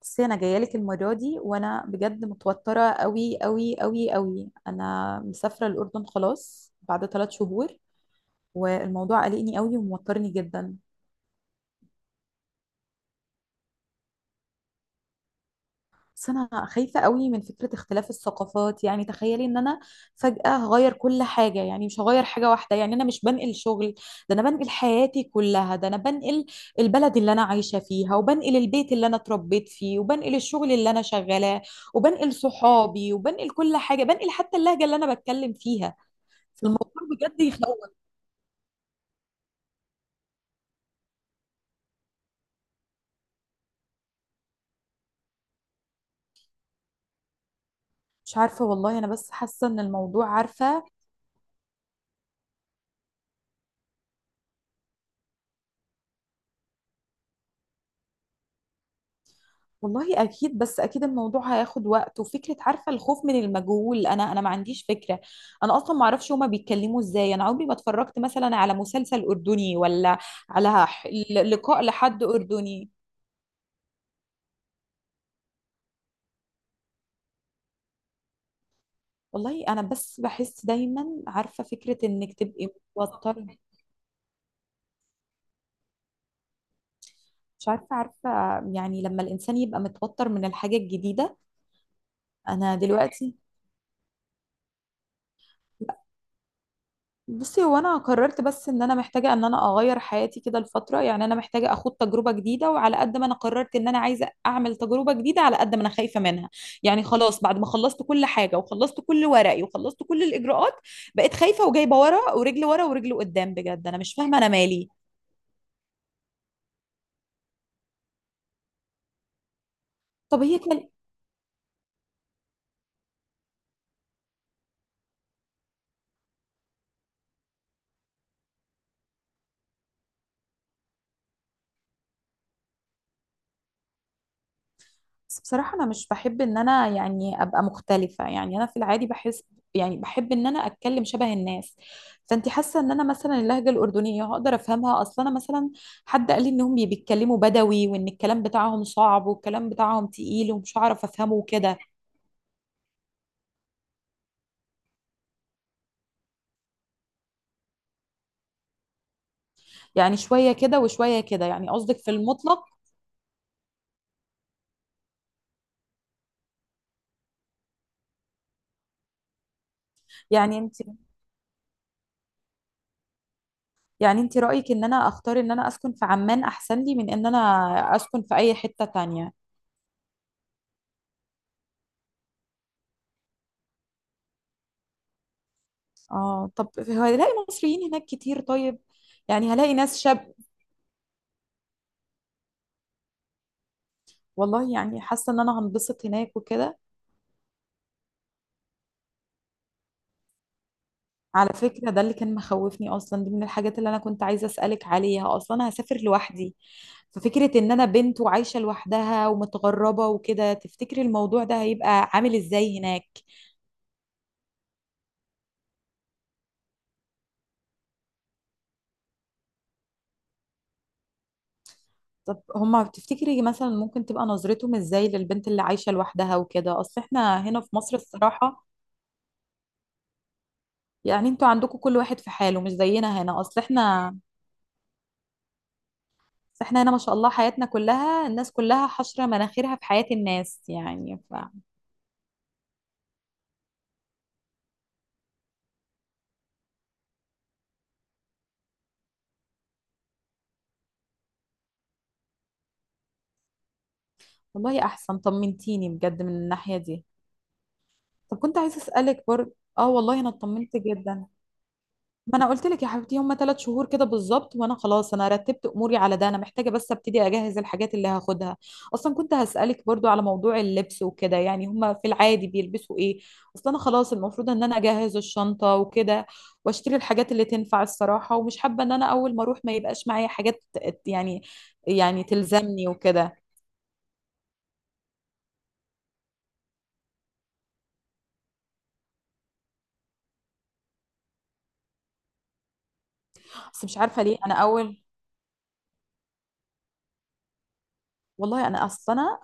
بس انا جايه لك المره دي، وانا بجد متوتره قوي قوي قوي قوي. انا مسافره الاردن خلاص بعد 3 شهور، والموضوع قلقني قوي وموترني جدا. بس انا خايفه قوي من فكره اختلاف الثقافات. يعني تخيلي ان انا فجاه هغير كل حاجه، يعني مش هغير حاجه واحده، يعني انا مش بنقل شغل، ده انا بنقل حياتي كلها. ده انا بنقل البلد اللي انا عايشه فيها، وبنقل البيت اللي انا اتربيت فيه، وبنقل الشغل اللي انا شغالاه، وبنقل صحابي، وبنقل كل حاجه، بنقل حتى اللهجه اللي انا بتكلم فيها. فالموضوع بجد يخوف. مش عارفه والله، انا بس حاسه ان الموضوع، عارفه. والله اكيد، بس اكيد الموضوع هياخد وقت، وفكره، عارفه، الخوف من المجهول. انا ما عنديش فكره. انا اصلا ما اعرفش هما بيتكلموا ازاي. انا عمري ما اتفرجت مثلا على مسلسل اردني، ولا على لقاء لحد اردني. والله انا بس بحس دايما، عارفه فكره انك تبقي متوتره. مش عارفه، عارفه، يعني لما الانسان يبقى متوتر من الحاجه الجديده. انا دلوقتي، بصي، هو انا قررت بس ان انا محتاجه ان انا اغير حياتي كده الفتره. يعني انا محتاجه اخد تجربه جديده، وعلى قد ما انا قررت ان انا عايزه اعمل تجربه جديده، على قد ما انا خايفه منها. يعني خلاص بعد ما خلصت كل حاجه، وخلصت كل ورقي، وخلصت كل الاجراءات، بقيت خايفه، وجايبه ورا ورجل ورا ورجل قدام. بجد انا مش فاهمه انا مالي. طب هي كان. بس بصراحة أنا مش بحب إن أنا يعني أبقى مختلفة. يعني أنا في العادي بحس، يعني بحب إن أنا أتكلم شبه الناس. فأنت حاسة إن أنا مثلا اللهجة الأردنية هقدر أفهمها أصلا؟ أنا مثلا حد قال لي إنهم بيتكلموا بدوي، وإن الكلام بتاعهم صعب، والكلام بتاعهم تقيل ومش هعرف أفهمه وكده. يعني شوية كده وشوية كده، يعني قصدك في المطلق. يعني أنت، يعني أنت رأيك إن أنا أختار إن أنا أسكن في عمان أحسن لي من إن أنا أسكن في أي حتة تانية؟ اه، طب هلاقي مصريين هناك كتير طيب؟ يعني هلاقي ناس شاب. والله يعني حاسه ان انا هنبسط هناك وكده. على فكره، ده اللي كان مخوفني اصلا، دي من الحاجات اللي انا كنت عايزه اسالك عليها، اصلا انا هسافر لوحدي. ففكره ان انا بنت وعايشه لوحدها ومتغربه وكده، تفتكري الموضوع ده هيبقى عامل ازاي هناك؟ طب هما تفتكري مثلا ممكن تبقى نظرتهم ازاي للبنت اللي عايشه لوحدها وكده؟ اصل احنا هنا في مصر الصراحه، يعني انتوا عندكم كل واحد في حاله، مش زينا هنا. اصل احنا، بس احنا هنا ما شاء الله حياتنا كلها الناس كلها حشرة مناخيرها في حياة الناس، يعني ف. والله احسن، طمنتيني بجد من الناحية دي. طب كنت عايزة اسألك برضه، اه والله انا اطمنت جدا. ما انا قلت لك يا حبيبتي، هما 3 شهور كده بالظبط، وانا خلاص انا رتبت اموري على ده. انا محتاجه بس ابتدي اجهز الحاجات اللي هاخدها. اصلا كنت هسالك برضو على موضوع اللبس وكده، يعني هما في العادي بيلبسوا ايه؟ اصلا انا خلاص المفروض ان انا اجهز الشنطه وكده، واشتري الحاجات اللي تنفع الصراحه، ومش حابه ان انا اول ما اروح ما يبقاش معايا حاجات. يعني، يعني تلزمني وكده. بس مش عارفه ليه انا اول، والله انا اصلا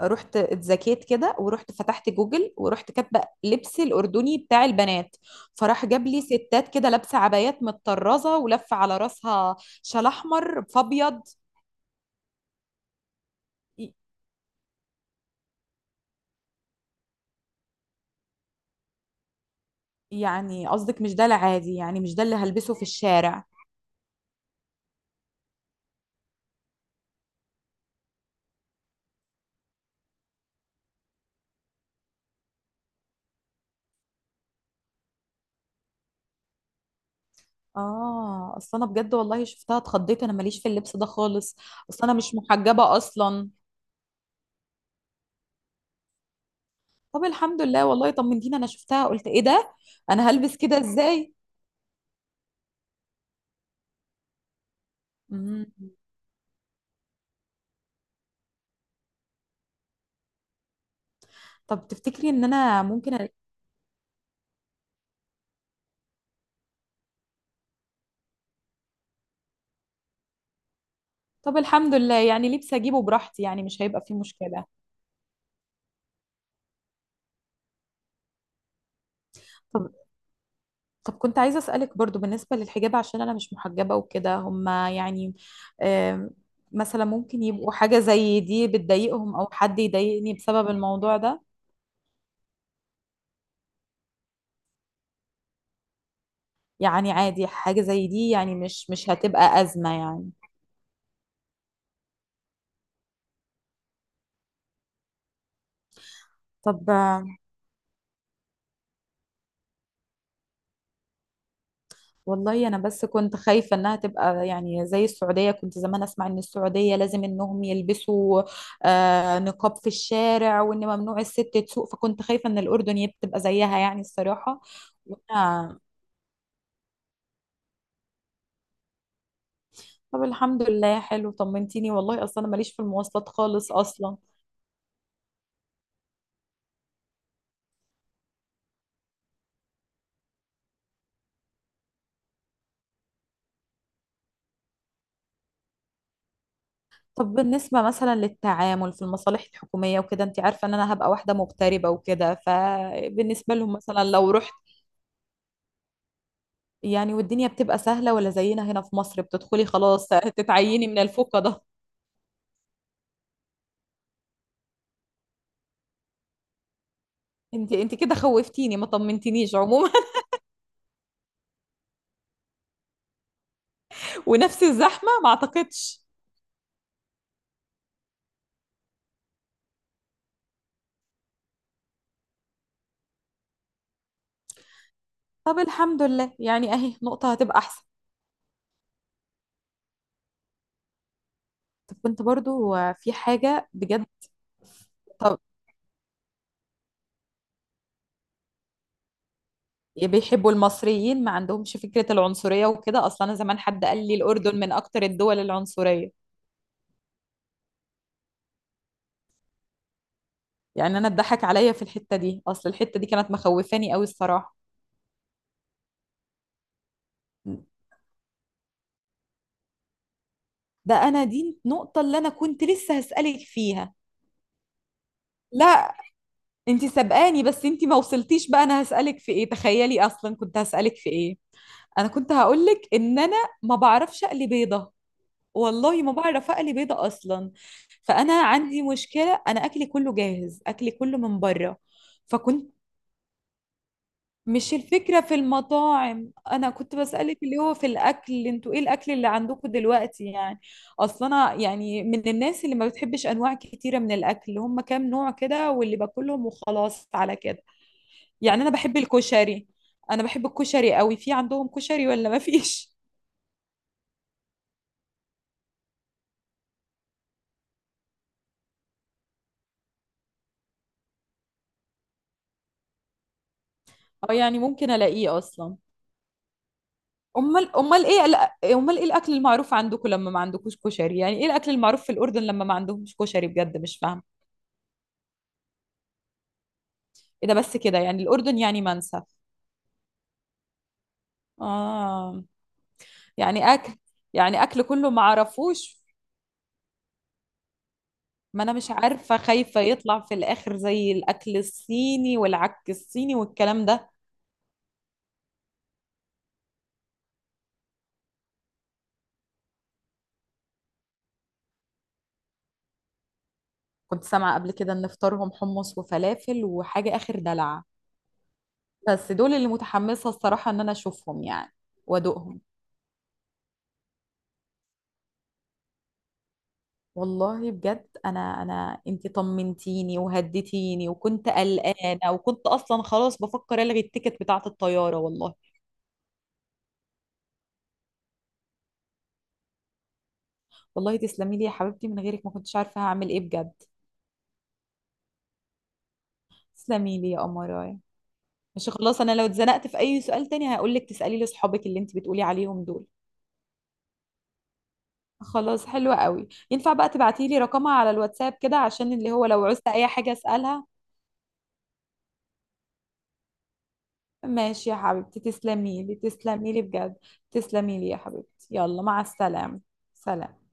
رحت اتزكيت كده، ورحت فتحت جوجل، ورحت كاتبه لبس الاردني بتاع البنات، فراح جاب لي ستات كده لابسه عبايات متطرزه ولفه على راسها، شال احمر فابيض. ي- يعني قصدك مش ده العادي، يعني مش ده اللي هلبسه في الشارع؟ اه، اصل انا بجد والله شفتها اتخضيت، انا ماليش في اللبس ده خالص، اصل انا مش محجبه اصلا. طب الحمد لله، والله طمنتيني، انا شفتها قلت ايه ده، انا هلبس كده ازاي! مم. طب تفتكري ان انا ممكن أ... طب الحمد لله، يعني لبس اجيبه براحتي، يعني مش هيبقى فيه مشكلة. طب، طب كنت عايزة اسألك برضو بالنسبة للحجاب، عشان انا مش محجبة وكده، هما يعني، آم، مثلا ممكن يبقوا حاجة زي دي بتضايقهم، او حد يضايقني بسبب الموضوع ده؟ يعني عادي حاجة زي دي، يعني مش مش هتبقى أزمة يعني. طب، والله انا بس كنت خايفه انها تبقى يعني زي السعوديه. كنت زمان اسمع ان السعوديه لازم انهم يلبسوا نقاب في الشارع، وان ممنوع الست تسوق، فكنت خايفه ان الاردن تبقى زيها يعني الصراحه. وأنا- طب الحمد لله، حلو طمنتيني، والله اصلا انا ماليش في المواصلات خالص اصلا. طب بالنسبه مثلا للتعامل في المصالح الحكوميه وكده، انت عارفه ان انا هبقى واحده مغتربه وكده، فبالنسبه لهم مثلا لو رحت، يعني والدنيا بتبقى سهلة ولا زينا هنا في مصر بتدخلي خلاص تتعيني من الفوقة ده؟ انت انت كده خوفتيني، ما طمنتنيش عموما. ونفس الزحمة ما اعتقدش. طب الحمد لله، يعني اهي نقطة هتبقى احسن. طب كنت برضو في حاجة بجد. طب بيحبوا المصريين، ما عندهمش فكرة العنصرية وكده؟ اصلا انا زمان حد قال لي الاردن من اكتر الدول العنصرية. يعني انا اتضحك عليا في الحتة دي، اصل الحتة دي كانت مخوفاني قوي الصراحة. ده انا دي النقطة اللي انا كنت لسه هسألك فيها. لا، انتي سبقاني، بس انتي ما وصلتيش بقى. انا هسألك في ايه تخيلي، اصلا كنت هسألك في ايه؟ انا كنت هقولك ان انا ما بعرفش اقلي بيضة، والله ما بعرف اقلي بيضة اصلا. فانا عندي مشكلة، انا اكلي كله جاهز، اكلي كله من بره. فكنت، مش الفكرة في المطاعم، انا كنت بسألك اللي هو في الاكل، انتوا ايه الاكل اللي عندكم دلوقتي يعني؟ اصلا انا يعني من الناس اللي ما بتحبش انواع كتيرة من الاكل، هم كام نوع كده واللي باكلهم، وخلاص على كده. يعني انا بحب الكشري، انا بحب الكشري قوي، في عندهم كشري ولا ما فيش؟ اه، يعني ممكن الاقيه اصلا. امال، امال ايه امال ايه الاكل المعروف عندكم لما ما عندكوش كشري؟ يعني ايه الاكل المعروف في الاردن لما ما عندهمش كشري؟ بجد مش فاهم. ايه ده بس كده يعني الاردن يعني منسف! اه، يعني اكل، يعني اكل كله ما عرفوش. ما انا مش عارفه، خايفه يطلع في الاخر زي الاكل الصيني والعك الصيني والكلام ده. كنت سامعه قبل كده ان فطارهم حمص وفلافل وحاجه اخر دلع، بس دول اللي متحمسة الصراحة ان انا اشوفهم يعني، وادوقهم. والله بجد، انا انتي طمنتيني وهديتيني، وكنت قلقانة، وكنت اصلا خلاص بفكر الغي التيكت بتاعة الطيارة والله. والله تسلمي لي يا حبيبتي، من غيرك ما كنتش عارفة هعمل ايه بجد. تسلمي لي يا قمراية. مش خلاص، انا لو اتزنقت في اي سؤال تاني هقول لك تسألي لي اصحابك اللي انتي بتقولي عليهم دول. خلاص حلوة قوي، ينفع بقى تبعتي لي رقمها على الواتساب كده عشان اللي هو لو عوزت اي حاجة اسألها؟ ماشي يا حبيبتي، تسلمي لي، تسلمي لي بجد. تسلمي لي يا حبيبتي، يلا مع السلامة. سلام.